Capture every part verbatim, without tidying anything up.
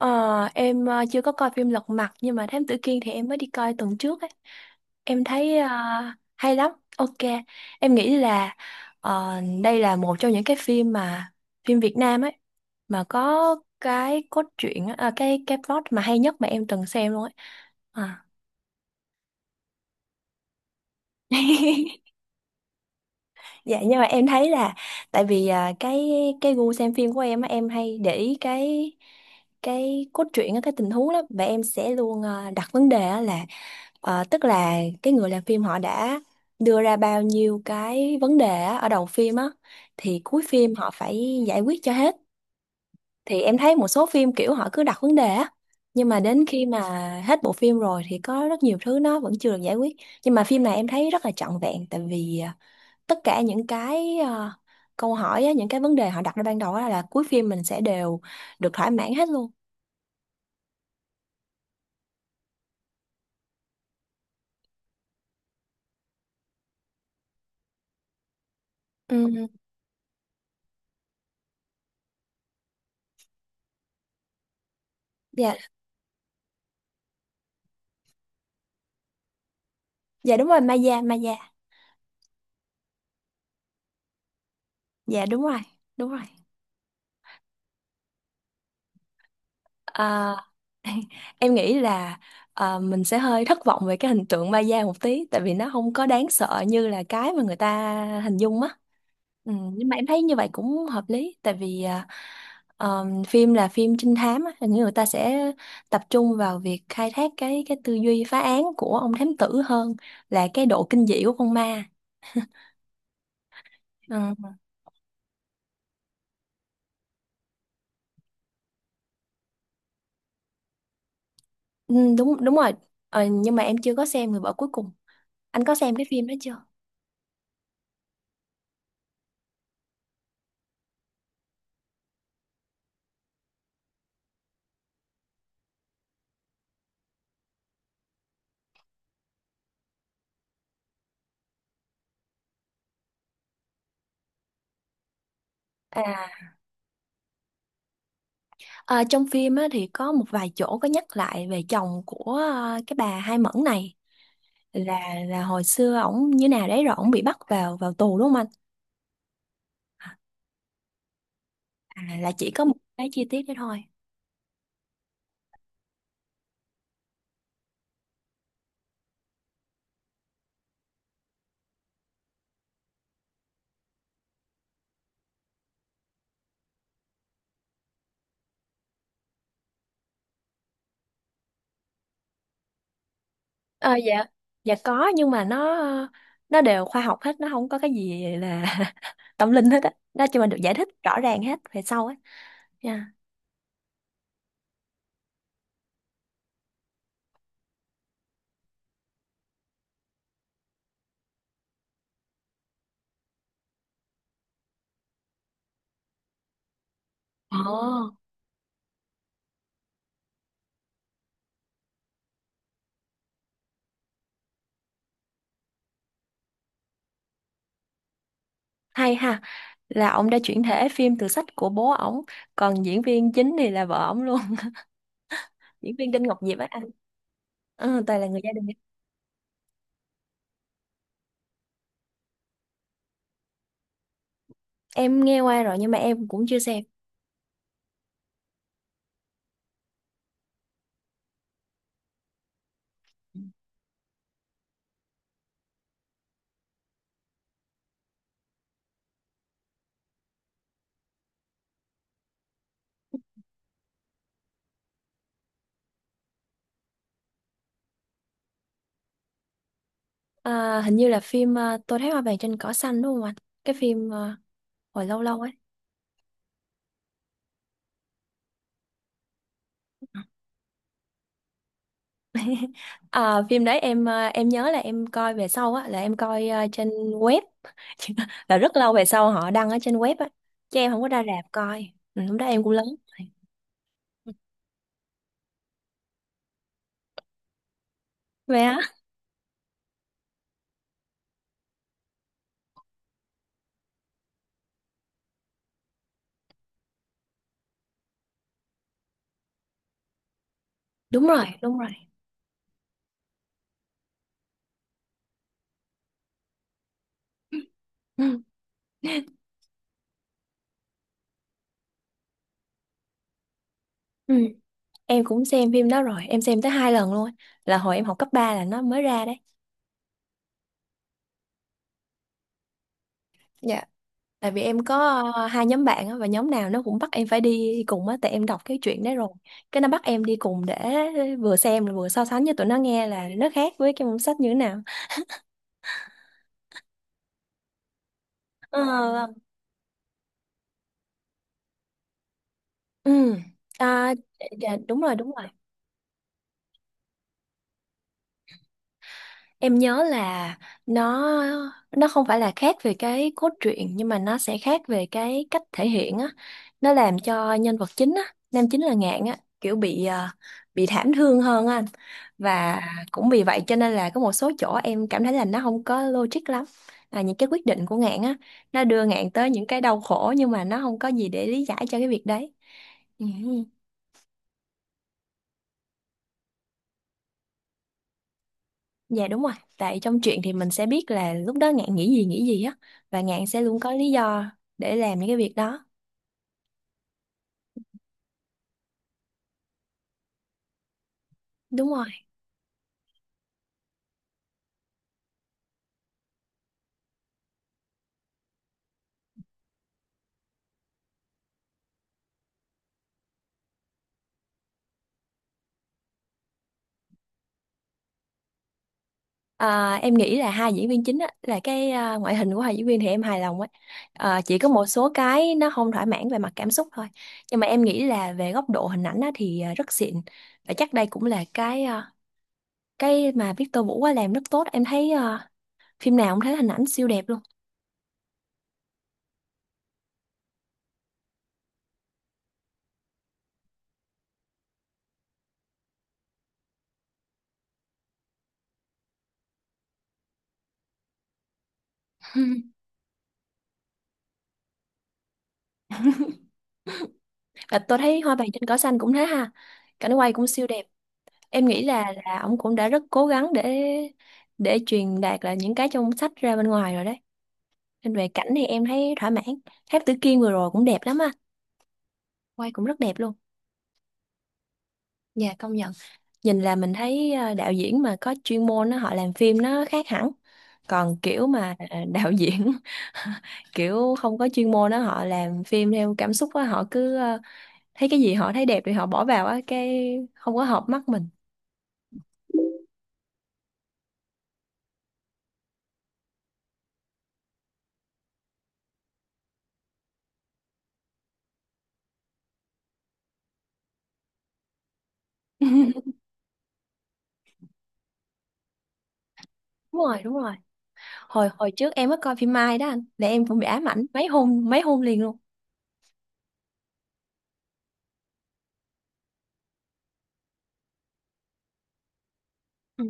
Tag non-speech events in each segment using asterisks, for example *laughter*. Ờ, em ờ, chưa có coi phim Lật Mặt nhưng mà Thám Tử Kiên thì em mới đi coi tuần trước ấy. Em thấy ờ, hay lắm. Ok. Em nghĩ là ờ, đây là một trong những cái phim mà phim Việt Nam ấy mà có cái cốt truyện á, à, cái cái plot mà hay nhất mà em từng xem luôn ấy. À. *laughs* Dạ nhưng mà em thấy là tại vì à, cái cái gu xem phim của em á, em hay để ý cái cái cốt truyện á, cái tình huống lắm và em sẽ luôn à, đặt vấn đề á là Ờ, tức là cái người làm phim họ đã đưa ra bao nhiêu cái vấn đề á, ở đầu phim á thì cuối phim họ phải giải quyết cho hết. Thì em thấy một số phim kiểu họ cứ đặt vấn đề á nhưng mà đến khi mà hết bộ phim rồi thì có rất nhiều thứ nó vẫn chưa được giải quyết. Nhưng mà phim này em thấy rất là trọn vẹn tại vì à, tất cả những cái à, câu hỏi á, những cái vấn đề họ đặt ra ban đầu á là cuối phim mình sẽ đều được thỏa mãn hết luôn. Ừ. Dạ, dạ, đúng rồi, Maya, Maya. Dạ, đúng rồi. Đúng rồi. À, *laughs* em nghĩ là à, mình sẽ hơi thất vọng về cái hình tượng ma da một tí tại vì nó không có đáng sợ như là cái mà người ta hình dung á. Ừ, nhưng mà em thấy như vậy cũng hợp lý tại vì à, ờm, phim là phim trinh thám á, hình như người ta sẽ tập trung vào việc khai thác cái cái tư duy phá án của ông thám tử hơn là cái độ kinh dị của con ma. *laughs* Ừ, ừ, đúng đúng rồi. Ờ, nhưng mà em chưa có xem Người Vợ Cuối Cùng. Anh có xem cái phim đó chưa? À. Ờ, trong phim á, thì có một vài chỗ có nhắc lại về chồng của ờ, cái bà Hai Mẫn này, là là hồi xưa ổng như nào đấy rồi ổng bị bắt vào vào tù đúng không anh? À, là chỉ có một cái chi tiết đấy thôi. Ờ, dạ. Dạ có, nhưng mà nó nó đều khoa học hết, nó không có cái gì là *laughs* tâm linh hết á. Nó chỉ mà được giải thích rõ ràng hết về sau á. Yeah. Ồ, hay ha. Là ông đã chuyển thể phim từ sách của bố ổng, còn diễn viên chính thì là vợ ổng luôn. Diễn viên Đinh Ngọc Diệp á anh. Ờ, Tài là người gia đình. Em nghe qua rồi nhưng mà em cũng chưa xem. À, hình như là phim à, Tôi thấy hoa vàng trên cỏ xanh đúng không anh? Cái phim à, hồi lâu lâu ấy. À, phim đấy em à, em nhớ là em coi về sau á, là em coi à, trên web. *laughs* Là rất lâu về sau họ đăng ở trên web á, chứ em không có ra rạp coi. Ừ, lúc đó em cũng lớn rồi. Vậy hả? Đúng rồi, đúng rồi. Ừ. Ừ. Em cũng xem phim đó rồi, em xem tới hai lần luôn. Là hồi em học cấp ba là nó mới ra đấy. Dạ. Tại vì em có ờ, hai nhóm bạn á, và nhóm nào nó cũng bắt em phải đi cùng á, tại em đọc cái chuyện đấy rồi. Cái nó bắt em đi cùng để vừa xem là vừa so sánh cho tụi nó nghe là nó khác với cái môn sách như thế nào. Ờ, ừ. À, dạ, dạ, đúng rồi, đúng rồi. Em nhớ là nó nó không phải là khác về cái cốt truyện nhưng mà nó sẽ khác về cái cách thể hiện á. Nó làm cho nhân vật chính á, nam chính là Ngạn á, kiểu bị ờ, bị thảm thương hơn á anh. Và cũng vì vậy cho nên là có một số chỗ em cảm thấy là nó không có logic lắm. À, những cái quyết định của Ngạn á, nó đưa Ngạn tới những cái đau khổ nhưng mà nó không có gì để lý giải cho cái việc đấy. Ừ. Dạ đúng rồi, tại trong truyện thì mình sẽ biết là lúc đó Ngạn nghĩ gì, nghĩ gì á, và Ngạn sẽ luôn có lý do để làm những cái việc đó. Đúng rồi. À, em nghĩ là hai diễn viên chính á, là cái à, ngoại hình của hai diễn viên thì em hài lòng ấy. À, chỉ có một số cái nó không thỏa mãn về mặt cảm xúc thôi. Nhưng mà em nghĩ là về góc độ hình ảnh á thì à, rất xịn. Và chắc đây cũng là cái à, cái mà Victor Vũ á làm rất tốt. Em thấy à, phim nào cũng thấy hình ảnh siêu đẹp luôn. *laughs* Và tôi thấy Hoa vàng trên cỏ xanh cũng thế ha. Cảnh quay cũng siêu đẹp. Em nghĩ là là ông cũng đã rất cố gắng để để truyền đạt là những cái trong sách ra bên ngoài rồi đấy, nên về cảnh thì em thấy thỏa mãn. Tháp Tử Kiên vừa rồi cũng đẹp lắm á, quay cũng rất đẹp luôn. Dạ, công nhận. Nhìn là mình thấy ờ, đạo diễn mà có chuyên môn á họ làm phim nó khác hẳn. Còn kiểu mà ờ, đạo diễn *laughs* kiểu không có chuyên môn á, họ làm phim theo cảm xúc á, họ cứ ờ, thấy cái gì họ thấy đẹp thì họ bỏ vào á, cái không có hợp mắt mình. *laughs* Đúng rồi, đúng rồi. Hồi hồi trước em có coi phim Mai đó anh, là em cũng bị ám ảnh mấy hôm, mấy hôm liền luôn. Ừ.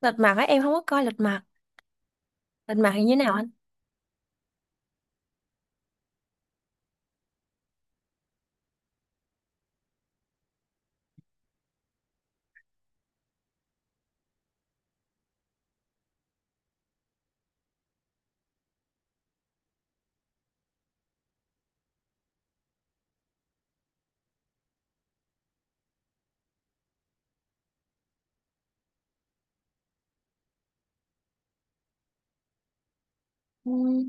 Lật mặt á, em không có coi lật mặt. Lật mặt thì như thế nào anh? Ừ.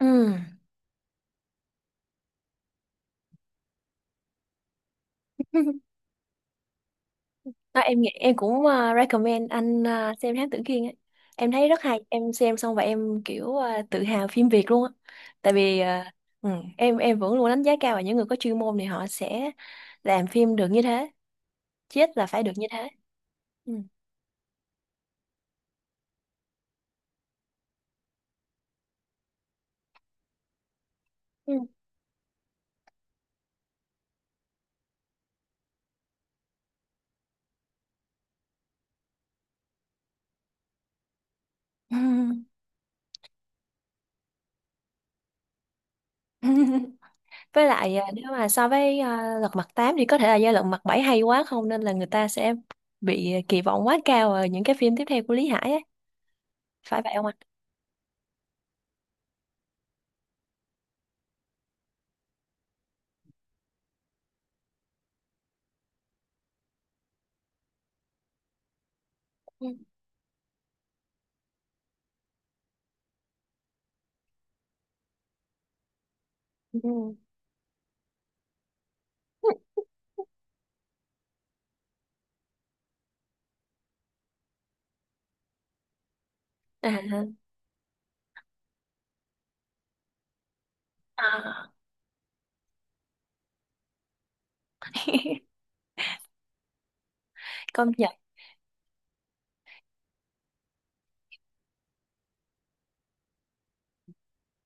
Ừ. *laughs* Đó, em nghĩ em cũng ờ, recommend anh ờ, xem Thám Tử Kiên ấy. Em thấy rất hay, em xem xong và em kiểu ờ, tự hào phim Việt luôn á. Tại vì ờ, ừ, em em vẫn luôn đánh giá cao vào những người có chuyên môn, thì họ sẽ làm phim được như thế, chết là phải được như thế. Ừ. Ừ. *laughs* Với lại à, nếu mà so với à, lật mặt tám thì có thể là do lật mặt bảy hay quá không, nên là người ta sẽ bị ờ, kỳ vọng quá cao ở những cái phim tiếp theo của Lý Hải ấy. Phải vậy không anh? Ừ. Ừ. À, à. *laughs* Công nhận.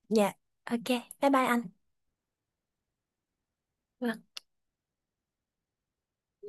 Dạ. Ok. Bye bye anh. Vâng.